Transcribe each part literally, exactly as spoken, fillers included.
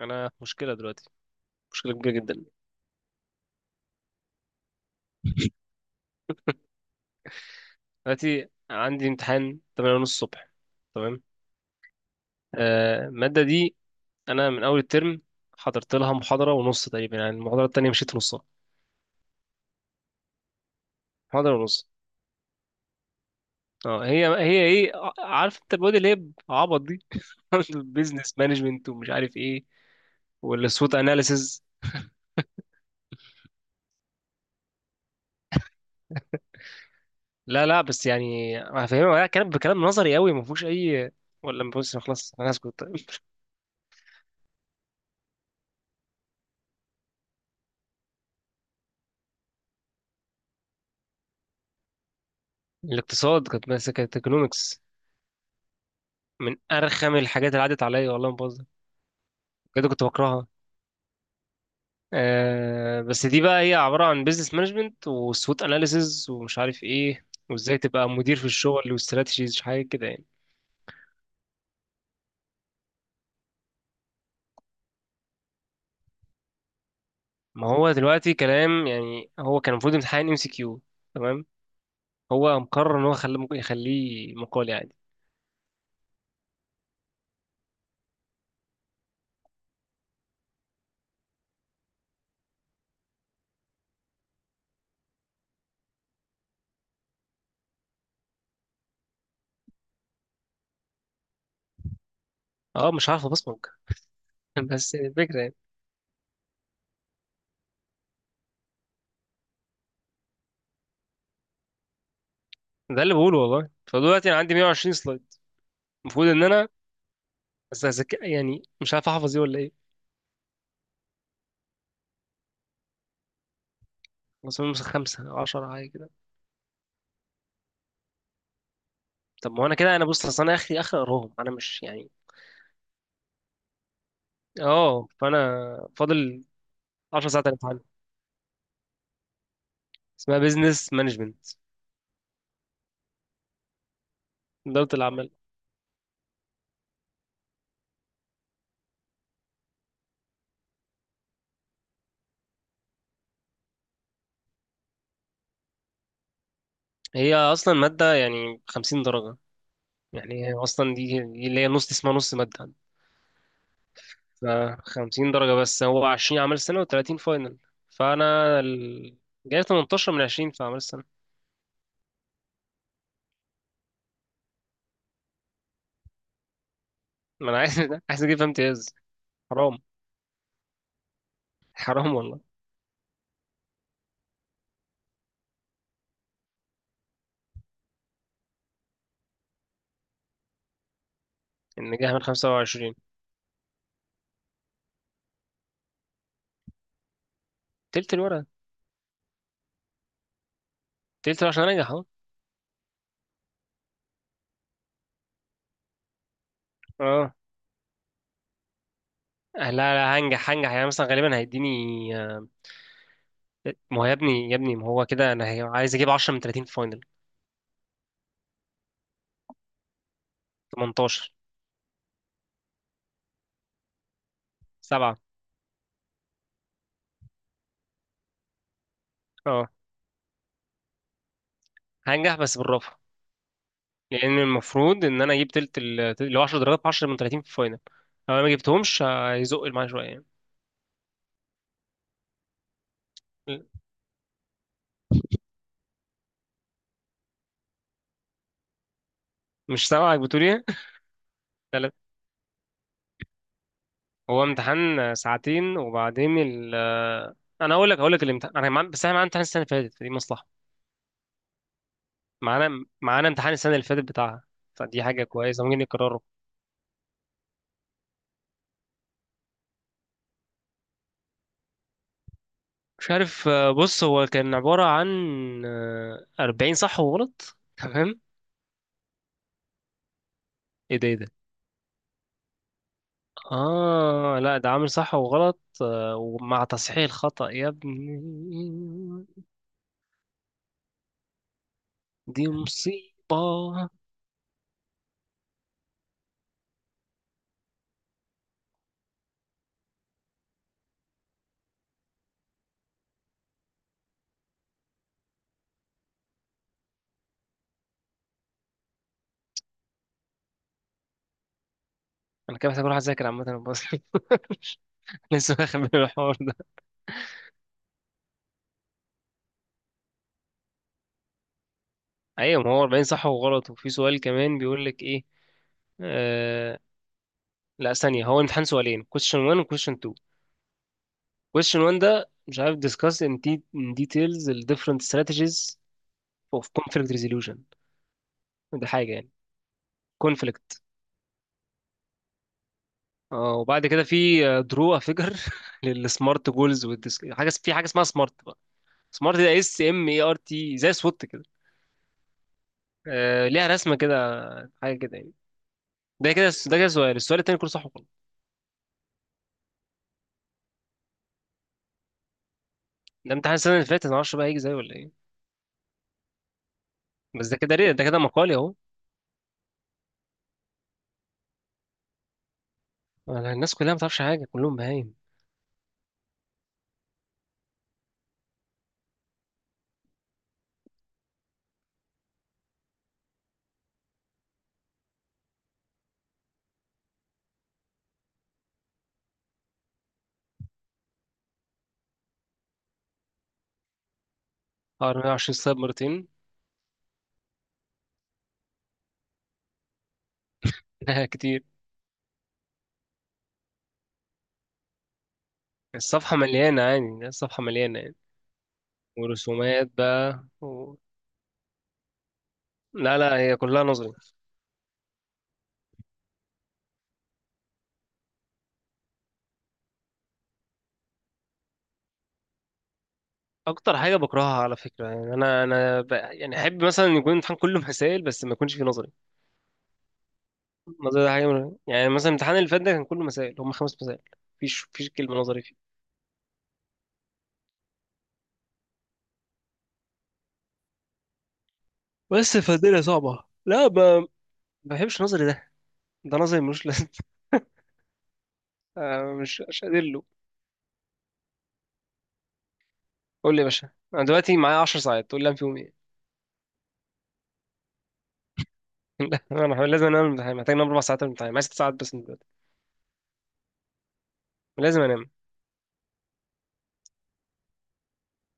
انا في مشكله دلوقتي، مشكله كبيره جدا. دلوقتي عندي امتحان تمانية ونص الصبح. تمام. آه، الماده دي، انا من اول الترم حضرت لها محاضره ونص تقريبا، يعني المحاضره التانيه مشيت في نصها. محاضره ونص. اه هي هي ايه، ع- عارف انت المواد اللي هي عبط دي البيزنس مانجمنت ومش عارف ايه والسوت اناليسز. لا لا، بس يعني هفهمها كلام بكلام نظري قوي، ما فيهوش اي، ولا ما فيهوش، خلاص انا هسكت. الاقتصاد كانت ماسكه ايكونومكس، من ارخم الحاجات اللي عدت عليا، والله ما بهزر، بجد كنت بكرهها. آه بس دي بقى هي عباره عن بيزنس مانجمنت وسوت اناليسز ومش عارف ايه، وازاي تبقى مدير في الشغل واستراتيجيز حاجه كده يعني. ما هو دلوقتي كلام يعني. هو كان المفروض امتحان ام سي كيو، تمام، هو مقرر ان هو خليه، ممكن يخليه مقالي عادي. اه مش عارف ابصمج. بس يعني الفكره يعني، ده اللي بقوله والله. فدلوقتي انا عندي مية وعشرين سلايد المفروض ان انا، بس هذاك- يعني مش عارف احفظ ايه ولا ايه. بس هم خمسه عشرة حاجه كده. طب ما هو انا كده، انا بص، اصل انا اخري اخر اقراهم، انا مش يعني، اه فانا فاضل 10 ساعات امتحان. اسمها بيزنس مانجمنت، إدارة الأعمال. هي أصلا مادة يعني 50 درجة. يعني هي أصلا دي دي اللي هي نص اسمها، نص مادة. ف 50 درجة، بس هو عشرين أعمال سنة و30 فاينل. فأنا ال... جايب تمنية عشر من عشرين في أعمال السنة. ما أنا عايز عايز أجيب فيها امتياز. حرام، حرام والله. إن جاي من خمسة وعشرين، تلت الورقة. تلت الورقة عشان أنجح أهو. أه لا، لا هنجح هنجح يعني مثلا غالبا هيديني. ما هو يا ابني يا ابني، ما هو كده انا هي... عايز اجيب عشرة من ثلاثين في فاينل. تمنتاشر، سبعة. اه هنجح بس بالرافع، لان المفروض ان انا اجيب تلت ال اللي هو 10 درجات، في عشرة من ثلاثين في فاينل. لو انا ما جبتهمش هيزق معايا شويه يعني. مش سامعك بتقول ايه. لا لا، هو امتحان ساعتين وبعدين ال انا اقول لك اقول لك الامتحان، انا مع... بس احنا معانا امتحان السنه اللي فاتت، فدي مصلحه. معانا معانا امتحان السنه اللي فاتت بتاعها، فدي حاجه كويسه ممكن يكرروا. مش عارف. آه، بص هو كان عبارة عن آه، أربعين صح وغلط، تمام. ايه ده ايه ده. آه لا، ده عامل صح وغلط آه، ومع تصحيح الخطأ يا ابني. دي مصيبة. أنا كده محتاج أروح أذاكر عامة بس. لسه واخد بالي من الحوار ده. أيوة، ما هو اربعين صح وغلط، وفي سؤال كمان بيقول لك إيه. آه... لا ثانية، هو الامتحان سؤالين: question one و question اتنين. question واحد ده مش عارف، discuss in, de in details the different strategies اوف كونفليكت ريزوليوشن ده حاجه يعني، كونفليكت. اه وبعد كده في درو فيجر للسمارت جولز والديسك حاجه، في حاجه اسمها سمارت بقى. سمارت ده اس ام اي ار تي زي سوت كده. آه ليها رسمه كده، حاجه كده يعني. ده كده ده كده سؤال السؤال التاني كله صح وغلط. ده امتحان السنه اللي فاتت، انا معرفش بقى هيجي زيه ولا ايه. بس ده كده ري- ده كده مقالي اهو. أنا الناس كلها ما تعرفش حاجه، كلهم بهايم. اه مية وعشرين سلايد مرتين؟ لا كتير. الصفحه مليانه يعني، الصفحه مليانه يعني، ورسومات بقى و... لا لا هي كلها نظري. اكتر حاجه بكرهها على فكره، يعني انا انا ب... يعني احب مثلا يكون الامتحان كله مسائل بس ما يكونش فيه نظري. النظري ده حاجه من... يعني مثلا الامتحان اللي فات ده كان كله مسائل، هم خمس مسائل، مفيش مفيش كلمه نظري فيه. بس فالدنيا صعبه، لا ب... ما بحبش النظري ده، ده نظري ملوش لازمه. آه، مش مش قادر له. قول لي يا باشا، انا دلوقتي معايا 10 ساعات، تقول لي انام فيهم ايه. لا انا لازم انام، الامتحان محتاج انام اربع ساعات من الامتحان. معايا ست ساعات بس من دلوقتي. لازم انام،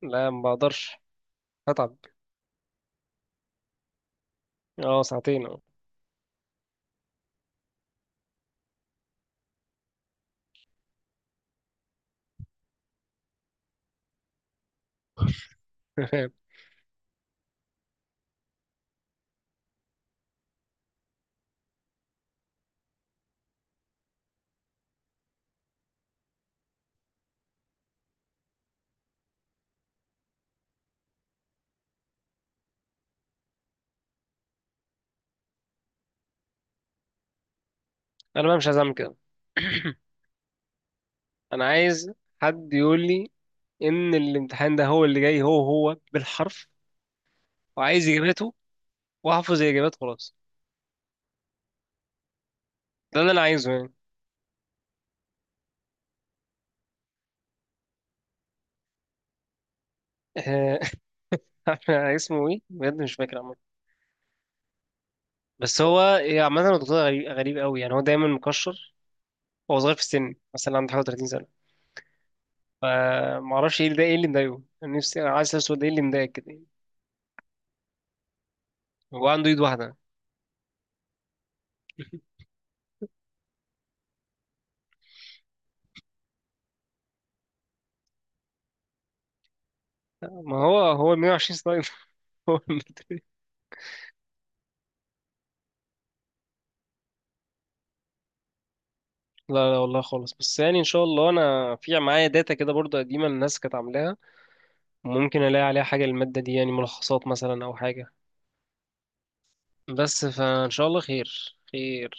لا ما بقدرش، هتعب. اه ساعتين، اه. انا بقى مش عايز اعمل كده. انا عايز حد يقول لي ان الامتحان ده هو اللي جاي، هو هو بالحرف، وعايز اجاباته، واحفظ الاجابات خلاص. ده اللي انا عايزه يعني. آه، اسمه ايه بجد؟ مش فاكر عامه. بس هو إيه، عامه هو دكتور غريب، غريب قوي يعني. هو دايما مكشر، هو صغير في السن، مثلا عنده حاجه تلاتين سنة سنه. فما اعرفش ايه اللي ده، ايه اللي مضايقه. انا نفسي انا عايز اسال، ده ايه اللي مضايقك كده يعني. هو عنده ايد واحده. ما هو هو مية وعشرين سلايد. لا لا والله خالص، بس يعني ان شاء الله انا في معايا داتا كده برضه قديمه، الناس كانت عاملاها، ممكن الاقي عليها حاجه الماده دي، يعني ملخصات مثلا او حاجه. بس فان شاء الله خير خير.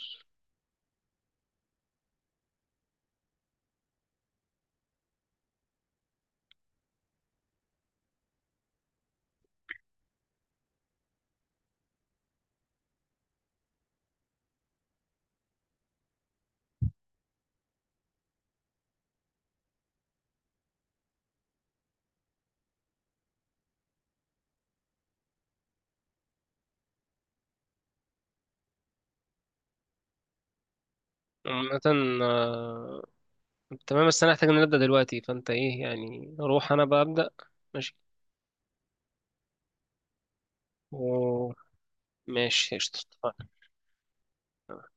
عامه آه، تمام. بس انا هحتاج ان أنا ابدا دلوقتي، فانت ايه يعني، روح انا بقى ابدا. ماشي. و- ماشي قشطة.